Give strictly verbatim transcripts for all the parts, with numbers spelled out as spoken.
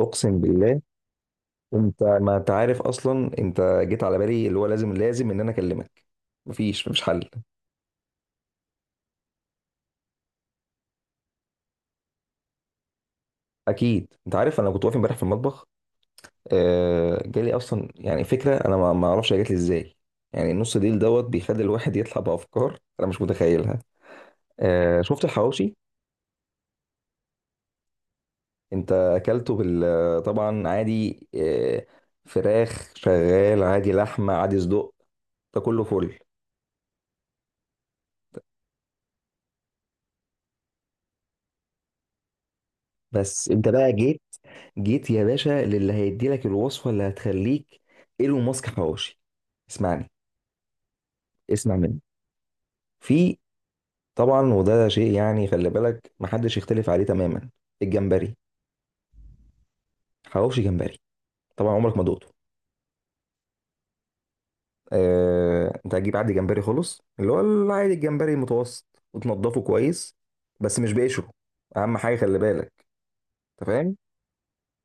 اقسم بالله. انت ما انت عارف اصلا، انت جيت على بالي اللي هو لازم لازم ان انا اكلمك. مفيش مفيش حل. اكيد انت عارف، انا كنت واقف امبارح في المطبخ. آه جالي اصلا يعني فكره، انا ما ما اعرفش هي جات لي ازاي. يعني النص ديل دوت بيخلي الواحد يطلع بافكار انا مش متخيلها. آه شفت الحواوشي؟ انت اكلته بال طبعا عادي آه فراخ شغال عادي، لحمه عادي، صدق، ده كله فل. بس انت بقى جيت، جيت يا باشا، للي هيدي لك الوصفه اللي هتخليك ايلون ماسك حواوشي. اسمعني، اسمع مني. في، طبعا وده شيء يعني خلي بالك محدش يختلف عليه تماما، الجمبري. حواوشي جمبري. طبعا عمرك ما دقته. آه... انت هتجيب عادي جمبري، خلص، اللي هو العادي، الجمبري المتوسط، وتنضفه كويس، بس مش بقشره، اهم حاجه خلي بالك. انت فاهم؟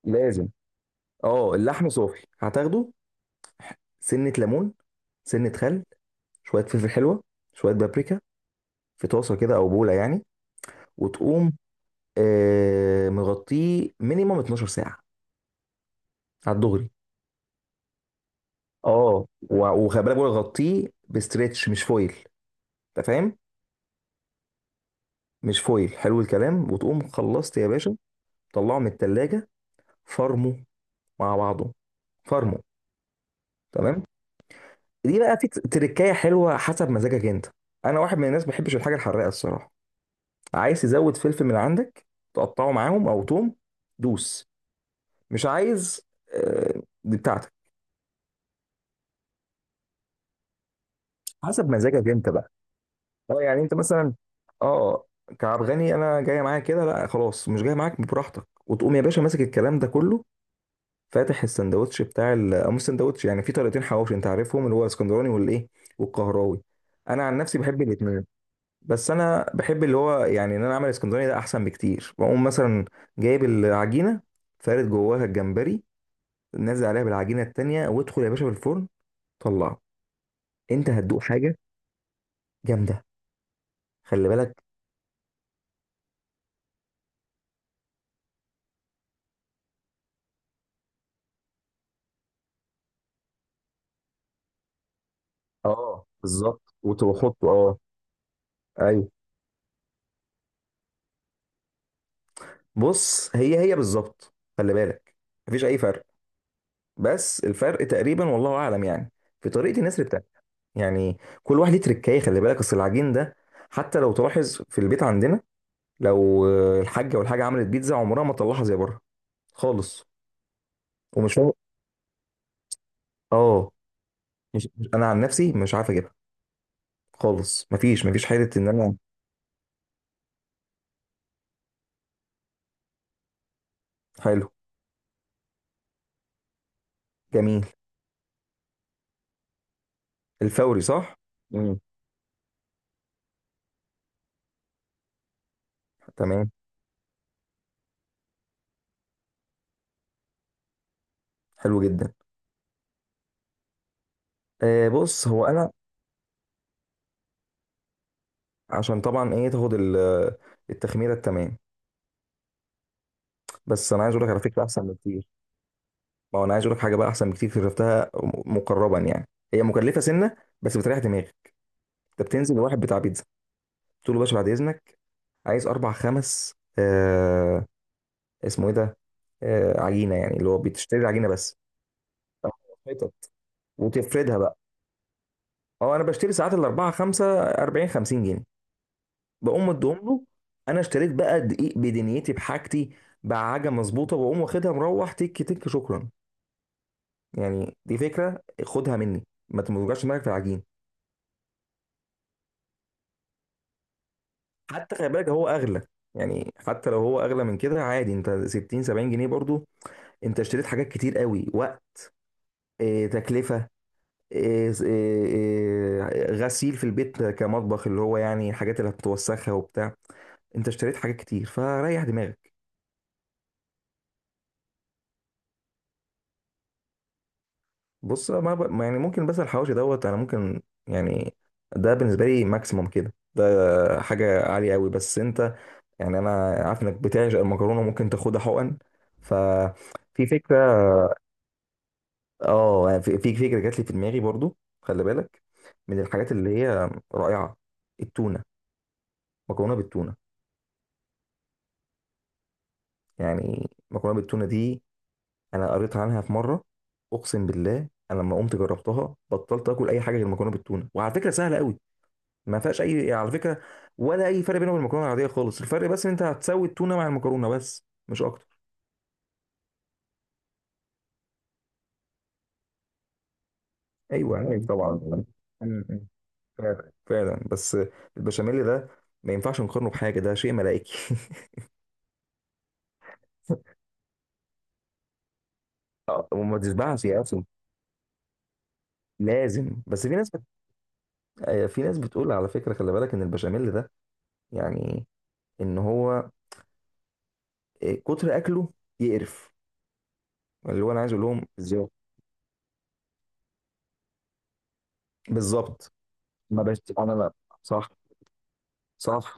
لازم. اه اللحم صافي هتاخده. سنه ليمون، سنه خل، شويه فلفل حلوه، شويه بابريكا، في طاسه كده او بوله يعني، وتقوم آه مغطيه مينيمم اتناشر ساعة ساعه على الدغري. اه و- وخلي بالك، بقول لك غطيه بستريتش مش فويل. انت فاهم؟ مش فويل، حلو الكلام، وتقوم خلصت يا باشا. طلعه من التلاجة، فرمه مع بعضه، فرمه. تمام. دي بقى في تركايه حلوه حسب مزاجك انت. انا واحد من الناس ما بحبش الحاجه الحراقه الصراحه. عايز تزود فلفل من عندك، تقطعه معاهم او توم، دوس. مش عايز، آه، دي بتاعتك، حسب مزاجك انت بقى. اه يعني انت مثلا، اه كعب غني، انا جاي معاك كده، لا خلاص مش جاي معاك، براحتك، وتقوم يا باشا ماسك الكلام ده كله، فاتح السندوتش بتاع ال- او مش سندوتش، يعني في طريقتين حواوشي انت عارفهم، اللي هو اسكندراني والايه، والقهراوي. انا عن نفسي بحب الاثنين، بس انا بحب اللي هو يعني ان انا اعمل اسكندراني، ده احسن بكتير. بقوم مثلا جايب العجينه، فارد جواها الجمبري، نازل عليها بالعجينه التانيه، وادخل يا باشا في الفرن. طلعه، انت هتدوق حاجه جامده، خلي بالك. اه بالظبط، وت- وحطه اه ايوه، بص، هي هي بالظبط، خلي بالك، مفيش اي فرق. بس الفرق تقريبا، والله اعلم يعني، في طريقه النسر بتاعتك، يعني كل واحد ليه تركايه. خلي بالك، اصل العجين ده، حتى لو تلاحظ في البيت عندنا، لو آه، الحاجه، والحاجه عملت بيتزا عمرها ما تطلعها زي بره خالص. ومش هو- اه مش مش- انا عن نفسي مش عارف اجيبها خالص. مفيش مفيش حاله ان انا... حلو. جميل. الفوري، صح. امم. تمام. حلو جدا. آه بص، هو انا، عشان طبعا ايه تاخد ال- التخميره التمام. بس انا عايز اقول لك، على فكره احسن بكتير. ما هو انا عايز اقول لك حاجه بقى، احسن بكتير، شفتها م- مقربا يعني. هي مكلفه سنه، بس بتريح دماغي. انت بتنزل لواحد بتاع بيتزا، تقول له باشا بعد اذنك عايز اربع خمس آه اسمه ايه ده، آه عجينه، يعني اللي هو بتشتري العجينه بس. حتت، وتفردها بقى. اه انا بشتري ساعات الاربعه خمسه أربعين خمسين جنيه، بقوم مديهم له. انا اشتريت بقى دقيق بدنيتي، بحاجتي، بعجة مظبوطه، بقوم واخدها مروح تك تك شكرا. يعني دي فكره خدها مني، ما توجعش دماغك في العجين. حتى خلي بالك هو اغلى، يعني حتى لو هو اغلى من كده عادي، انت ستين سبعين جنيه برضو، انت اشتريت حاجات كتير قوي، وقت. اه تكلفه. اه س- اه اه غسيل في البيت كمطبخ، اللي هو يعني الحاجات اللي هتوسخها وبتاع. انت اشتريت حاجات كتير، فريح دماغك. بص، ما ب... ما يعني ممكن، بس الحواوشي دوت انا ممكن يعني، ده بالنسبه لي ماكسيموم كده، ده حاجه عاليه قوي. بس انت، يعني انا عارف انك بتعشق المكرونه، ممكن تاخدها حقن، ففي فكره. اه يعني في في فكره جات لي في دماغي برضو، خلي بالك، من الحاجات اللي هي رائعه، التونه، مكرونه بالتونه. يعني مكرونه بالتونه دي، انا قريت عنها في مره، اقسم بالله، انا لما قمت جربتها بطلت اكل اي حاجه غير مكرونه بالتونه. وعلى فكره سهله قوي، ما فيهاش اي يعني، على فكره ولا اي فرق بينها وبين المكرونه العاديه خالص. الفرق بس ان انت هتسوي التونه مع المكرونه بس، مش اكتر. ايوه، ايوه طبعا م- م. فعلا فعلا، بس البشاميل ده ما ينفعش نقارنه بحاجه، ده شيء ملائكي. آه، وما تشبعش يا اصلا. لازم. بس في ناس بت... آه، في ناس بتقول على فكره، خلي بالك، ان البشاميل ده يعني، ان هو آه، كتر اكله يقرف. اللي هو انا عايز اقول لهم ازاي؟ بالظبط. ما بش انا، لا. صح، صح.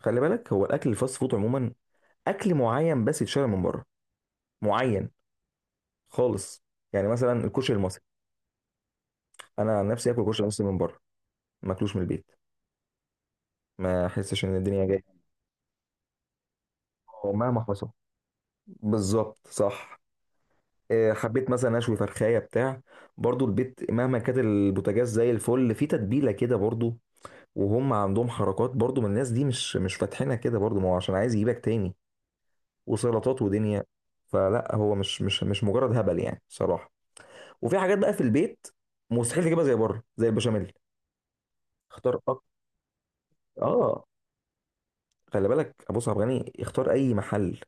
خلي بالك، هو الاكل الفاست فود عموما اكل معين، بس يتشرب من بره، معين خالص. يعني مثلا الكشري المصري، انا عن نفسي اكل كشري مصري من بره، ما اكلوش من البيت، ما احسش ان الدنيا جايه، ومهما حصل. بالظبط، صح. إيه، حبيت مثلا اشوي فرخايه بتاع، برضو البيت، مهما كانت البوتاجاز زي الفل، في تتبيله كده برضو، وهم عندهم حركات برضو من الناس دي، مش مش فاتحينها كده برضو، ما هو عشان عايز يجيبك تاني، وسلطات ودنيا. فلا، هو مش مش مش مجرد هبل يعني، صراحه. وفي حاجات بقى في البيت مستحيل تجيبها زي بره، زي البشاميل. اختار أك... اه خلي بالك، ابو صعب غني، اختار اي محل،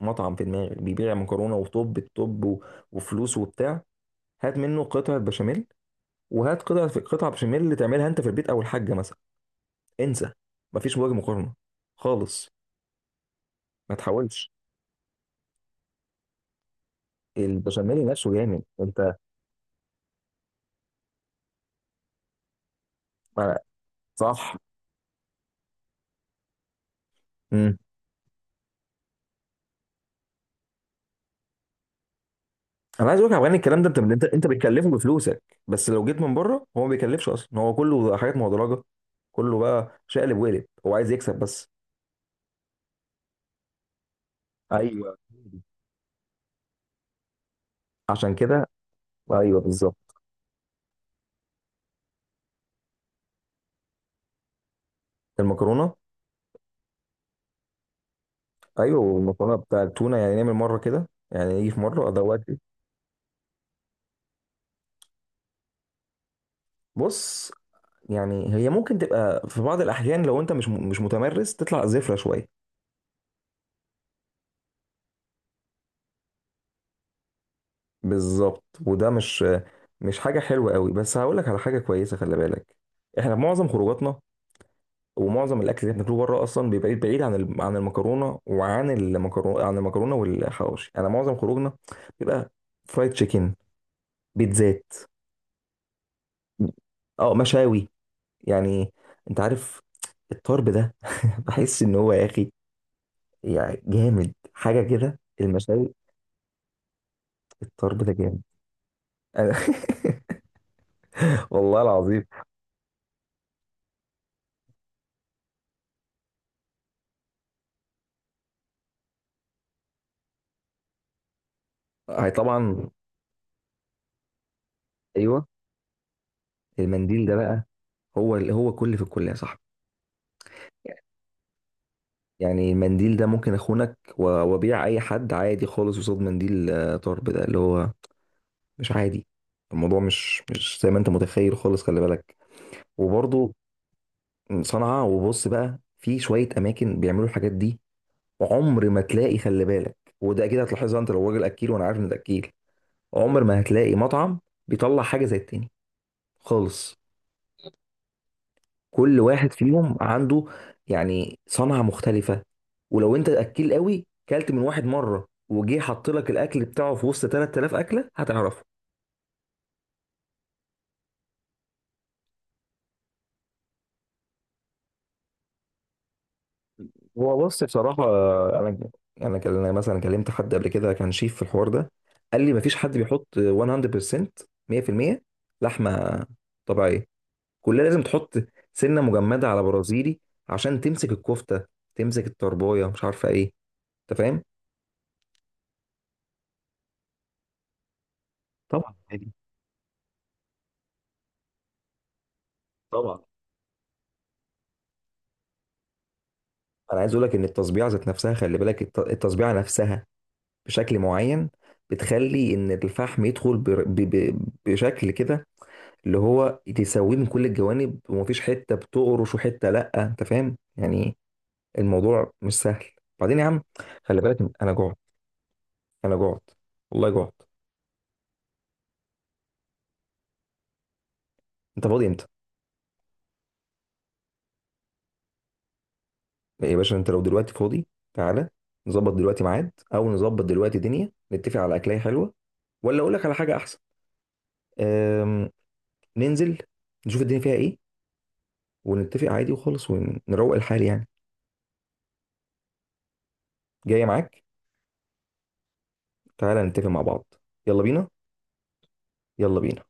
مطعم في دماغك بيبيع مكرونه وطب الطب و... وفلوس وبتاع، هات منه قطعه بشاميل، وهات قطعه في قطعه بشاميل اللي تعملها انت في البيت او الحاجه مثلا. انسى، مفيش وجه مقارنه خالص. ما تحاولش. البشاميل نفسه جامد انت ما- صح. امم. انا عايز اقول لك يا عبد الغني، الكلام ده انت انت انت بتكلفه بفلوسك، بس لو جيت من بره هو ما بيكلفش اصلا، هو كله حاجات مهدرجه، كله بقى شقلب وقلب، هو عايز يكسب بس. ايوه عشان كده، ايوه بالظبط. المكرونه. ايوه والمكرونه بتاع التونه، يعني نعمل مره كده، يعني يجي في مره ادوات. بص، يعني هي ممكن تبقى في بعض الاحيان، لو انت مش مش متمرس، تطلع زفره شويه. بالظبط، وده مش مش حاجه حلوه قوي، بس هقول لك على حاجه كويسه. خلي بالك، احنا معظم خروجاتنا ومعظم الاكل اللي احنا بناكله بره، اصلا بيبقى بعيد، بعيد عن الم- عن المكرونه، وعن المكرونه عن المكرونه والحواوشي. انا معظم خروجنا بيبقى فرايد تشيكن، بيتزات، اه مشاوي، يعني انت عارف الطرب ده. بحس ان هو يا اخي يعني جامد حاجه كده، المشاوي، الطرب ده جامد. أنا... والله العظيم. هي طبعا، ايوه. المنديل ده بقى، هو هو كل في الكل يا صاحبي. يعني المنديل ده ممكن اخونك و- وابيع اي حد عادي خالص قصاد منديل، آه، طرب ده، اللي هو مش عادي. الموضوع مش مش زي ما انت متخيل خالص. خلي بالك، وبرضه صنعاء. وبص بقى، في شويه اماكن بيعملوا الحاجات دي، عمر ما تلاقي. خلي بالك، وده اكيد هتلاحظها انت لو راجل اكيل، وانا عارف ان ده اكيل، عمر ما هتلاقي مطعم بيطلع حاجه زي التاني خالص. كل واحد فيهم عنده يعني صنعه مختلفه. ولو انت اكيل قوي، كلت من واحد مره وجه حط لك الاكل بتاعه في وسط تلات آلاف اكله، هتعرفه. هو بص بصراحه، انا انا كان- أنا مثلا كلمت حد قبل كده، كان شيف في الحوار ده، قال لي مفيش حد بيحط مية في المية، مية في المية لحمه طبيعيه، كلها لازم تحط سنه مجمده على برازيلي، عشان تمسك الكفته، تمسك الطربايه، مش عارفه ايه. انت فاهم؟ طبعا عادي، طبعا. انا عايز اقول لك، ان التصبيعه ذات نفسها، خلي بالك، الت- التصبيعه نفسها بشكل معين، بتخلي ان الفحم يدخل بر- ب- ب- بشكل كده، اللي هو تسويه من كل الجوانب، ومفيش حته بتقرش وحته لا، انت فاهم يعني. الموضوع مش سهل. بعدين يا عم، خلي بالك، انا جعت، انا جعت، والله جعت. انت فاضي امتى يا باشا؟ انت لو دلوقتي فاضي تعالى، نظبط دلوقتي ميعاد، او نظبط دلوقتي دنيا، نتفق على اكلاية حلوة. ولا اقول لك على حاجة احسن، أم... ننزل نشوف الدنيا فيها ايه، ونتفق عادي وخالص، ونروق الحال يعني. جاية معاك. تعالى نتفق مع بعض. يلا بينا، يلا بينا.